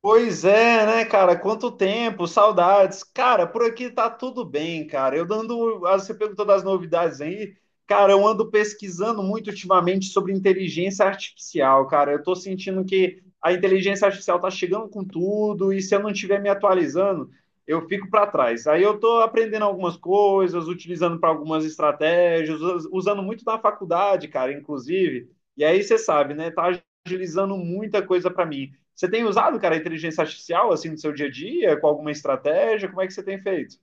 Pois é, né, cara? Quanto tempo, saudades. Cara, por aqui tá tudo bem, cara. Eu dando, você perguntou das novidades aí. Cara, eu ando pesquisando muito ultimamente sobre inteligência artificial, cara. Eu tô sentindo que a inteligência artificial tá chegando com tudo e se eu não estiver me atualizando, eu fico para trás. Aí eu tô aprendendo algumas coisas, utilizando para algumas estratégias, usando muito na faculdade, cara, inclusive. E aí você sabe, né? Tá agilizando muita coisa para mim. Você tem usado, cara, a inteligência artificial assim no seu dia a dia, com alguma estratégia? Como é que você tem feito?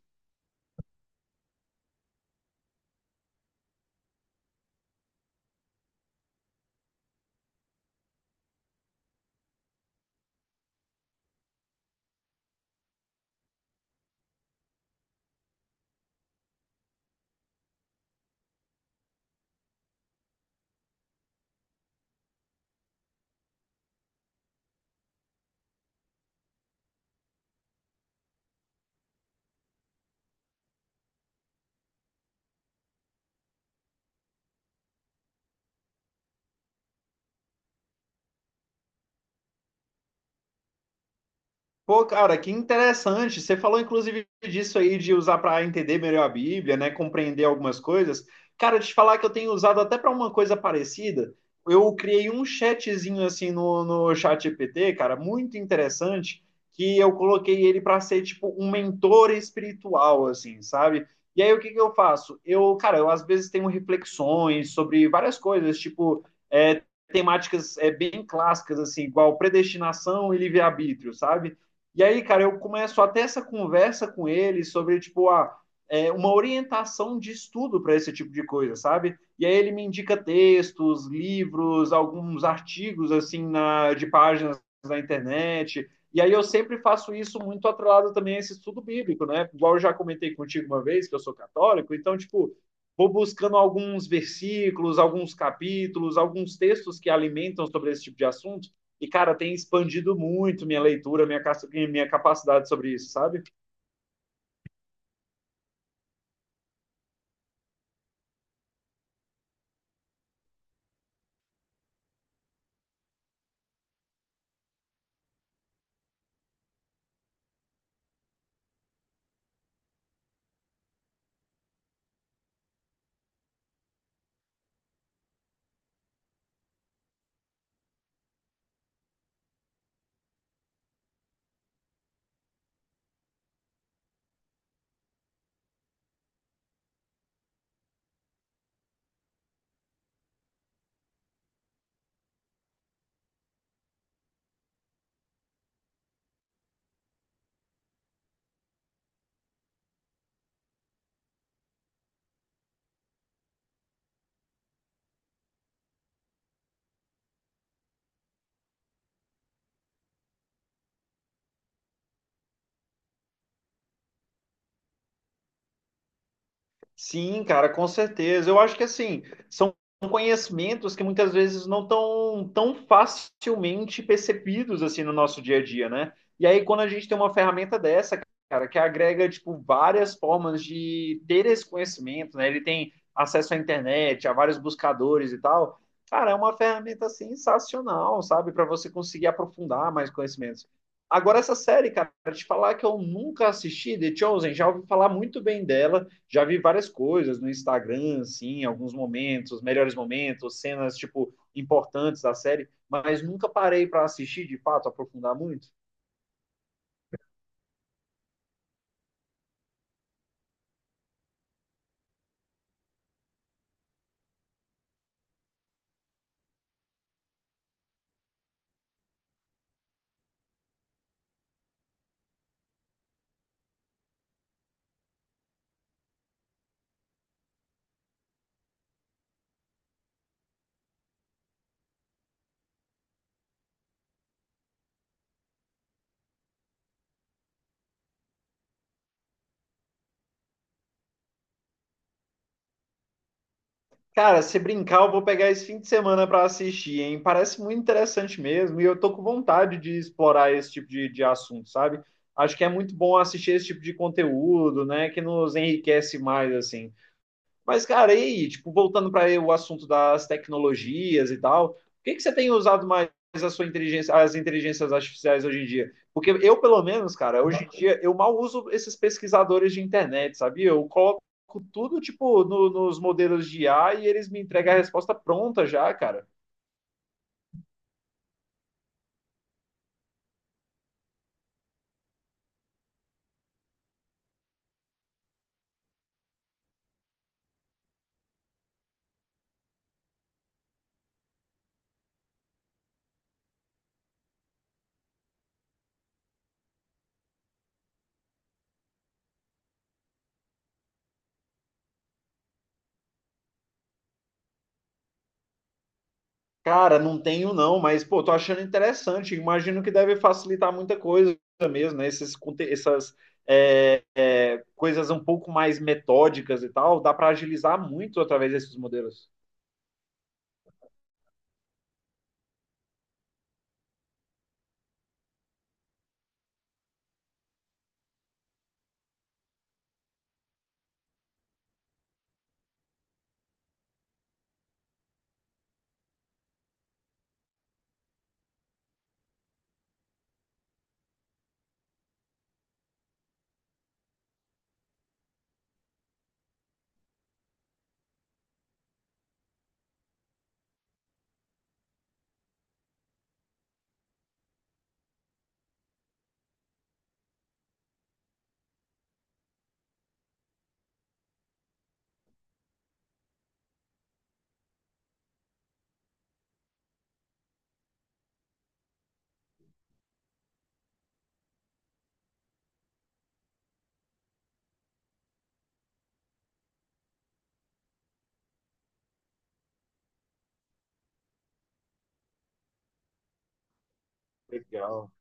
Pô, cara, que interessante. Você falou inclusive disso aí de usar para entender melhor a Bíblia, né, compreender algumas coisas. Cara, te falar que eu tenho usado até para uma coisa parecida. Eu criei um chatzinho assim no GPT, cara, muito interessante, que eu coloquei ele para ser tipo um mentor espiritual, assim, sabe? E aí o que que eu faço? Eu, cara, eu às vezes tenho reflexões sobre várias coisas, tipo, é, temáticas bem clássicas, assim, igual predestinação e livre-arbítrio, sabe? E aí, cara, eu começo até essa conversa com ele sobre, tipo, uma orientação de estudo para esse tipo de coisa, sabe? E aí ele me indica textos, livros, alguns artigos, assim, de páginas na internet. E aí eu sempre faço isso muito atrelado também a esse estudo bíblico, né? Igual eu já comentei contigo uma vez, que eu sou católico, então, tipo, vou buscando alguns versículos, alguns capítulos, alguns textos que alimentam sobre esse tipo de assunto, e, cara, tem expandido muito minha leitura, minha capacidade sobre isso, sabe? Sim, cara, com certeza. Eu acho que assim, são conhecimentos que muitas vezes não estão tão facilmente percebidos assim no nosso dia a dia, né? E aí quando a gente tem uma ferramenta dessa, cara, que agrega tipo várias formas de ter esse conhecimento, né? Ele tem acesso à internet, a vários buscadores e tal. Cara, é uma ferramenta sensacional, sabe, para você conseguir aprofundar mais conhecimentos. Agora essa série, cara, pra te falar que eu nunca assisti, The Chosen, já ouvi falar muito bem dela, já vi várias coisas no Instagram, assim, alguns momentos, melhores momentos, cenas, tipo, importantes da série, mas nunca parei para assistir, de fato, aprofundar muito. Cara, se brincar, eu vou pegar esse fim de semana para assistir, hein? Parece muito interessante mesmo, e eu tô com vontade de explorar esse tipo de assunto, sabe? Acho que é muito bom assistir esse tipo de conteúdo, né? Que nos enriquece mais, assim. Mas, cara, e aí, tipo, voltando para o assunto das tecnologias e tal, o que que você tem usado mais a sua inteligência, as inteligências artificiais hoje em dia? Porque eu, pelo menos, cara, hoje em dia eu mal uso esses pesquisadores de internet, sabia? Eu coloco tudo, tipo, nos modelos de IA e eles me entregam a resposta pronta já, cara. Cara, não tenho não, mas pô, tô achando interessante. Imagino que deve facilitar muita coisa mesmo, né? Esses, essas coisas um pouco mais metódicas e tal, dá para agilizar muito através desses modelos. Legal.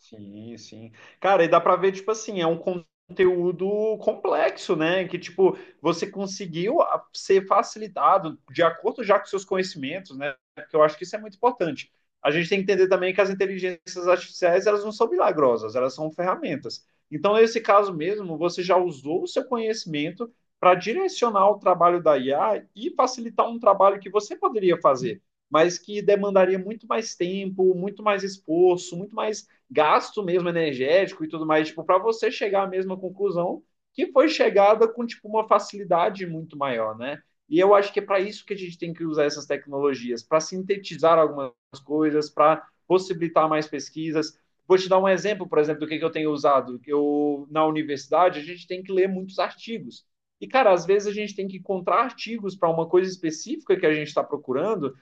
Sim, sim. Cara, e dá pra ver, tipo assim, é um conteúdo complexo, né? Que, tipo, você conseguiu ser facilitado de acordo já com seus conhecimentos, né? Porque eu acho que isso é muito importante. A gente tem que entender também que as inteligências artificiais, elas não são milagrosas, elas são ferramentas. Então, nesse caso mesmo, você já usou o seu conhecimento para direcionar o trabalho da IA e facilitar um trabalho que você poderia fazer, mas que demandaria muito mais tempo, muito mais esforço, muito mais gasto mesmo energético e tudo mais, tipo, para você chegar à mesma conclusão que foi chegada com tipo uma facilidade muito maior, né? E eu acho que é para isso que a gente tem que usar essas tecnologias, para sintetizar algumas coisas, para possibilitar mais pesquisas. Vou te dar um exemplo, por exemplo, do que, eu tenho usado. Eu na universidade a gente tem que ler muitos artigos. E, cara, às vezes a gente tem que encontrar artigos para uma coisa específica que a gente está procurando,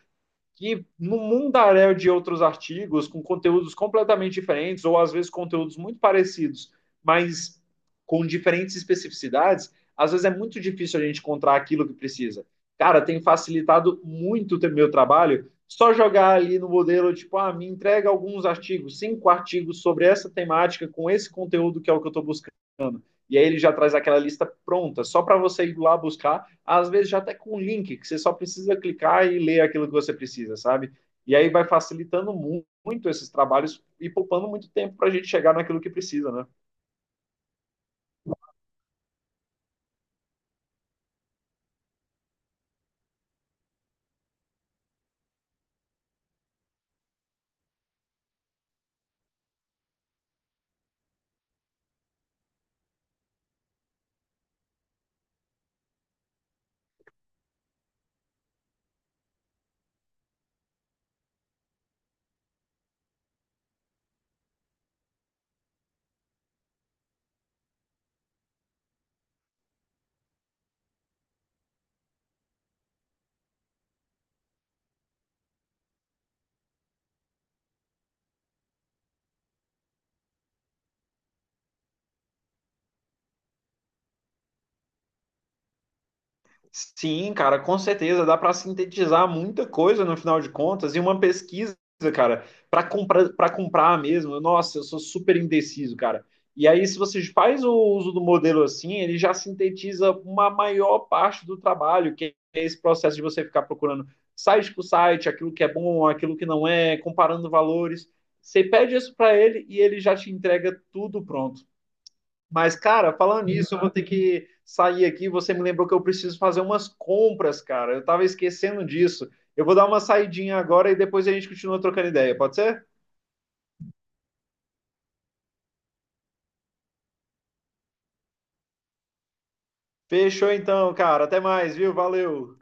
que no mundaréu de outros artigos, com conteúdos completamente diferentes, ou às vezes conteúdos muito parecidos, mas com diferentes especificidades, às vezes é muito difícil a gente encontrar aquilo que precisa. Cara, tem facilitado muito o meu trabalho só jogar ali no modelo, tipo, ah, me entrega alguns artigos, 5 artigos sobre essa temática, com esse conteúdo que é o que eu estou buscando. E aí ele já traz aquela lista pronta, só para você ir lá buscar, às vezes já até com um link, que você só precisa clicar e ler aquilo que você precisa, sabe? E aí vai facilitando muito esses trabalhos e poupando muito tempo para a gente chegar naquilo que precisa, né? Sim, cara, com certeza dá para sintetizar muita coisa no final de contas e uma pesquisa, cara, para comprar mesmo. Nossa, eu sou super indeciso, cara. E aí, se você faz o uso do modelo assim, ele já sintetiza uma maior parte do trabalho, que é esse processo de você ficar procurando site por site, aquilo que é bom, aquilo que não é, comparando valores. Você pede isso para ele e ele já te entrega tudo pronto. Mas, cara, falando nisso, eu vou ter que sair aqui. Você me lembrou que eu preciso fazer umas compras, cara. Eu tava esquecendo disso. Eu vou dar uma saidinha agora e depois a gente continua trocando ideia, pode ser? Fechou então, cara. Até mais, viu? Valeu.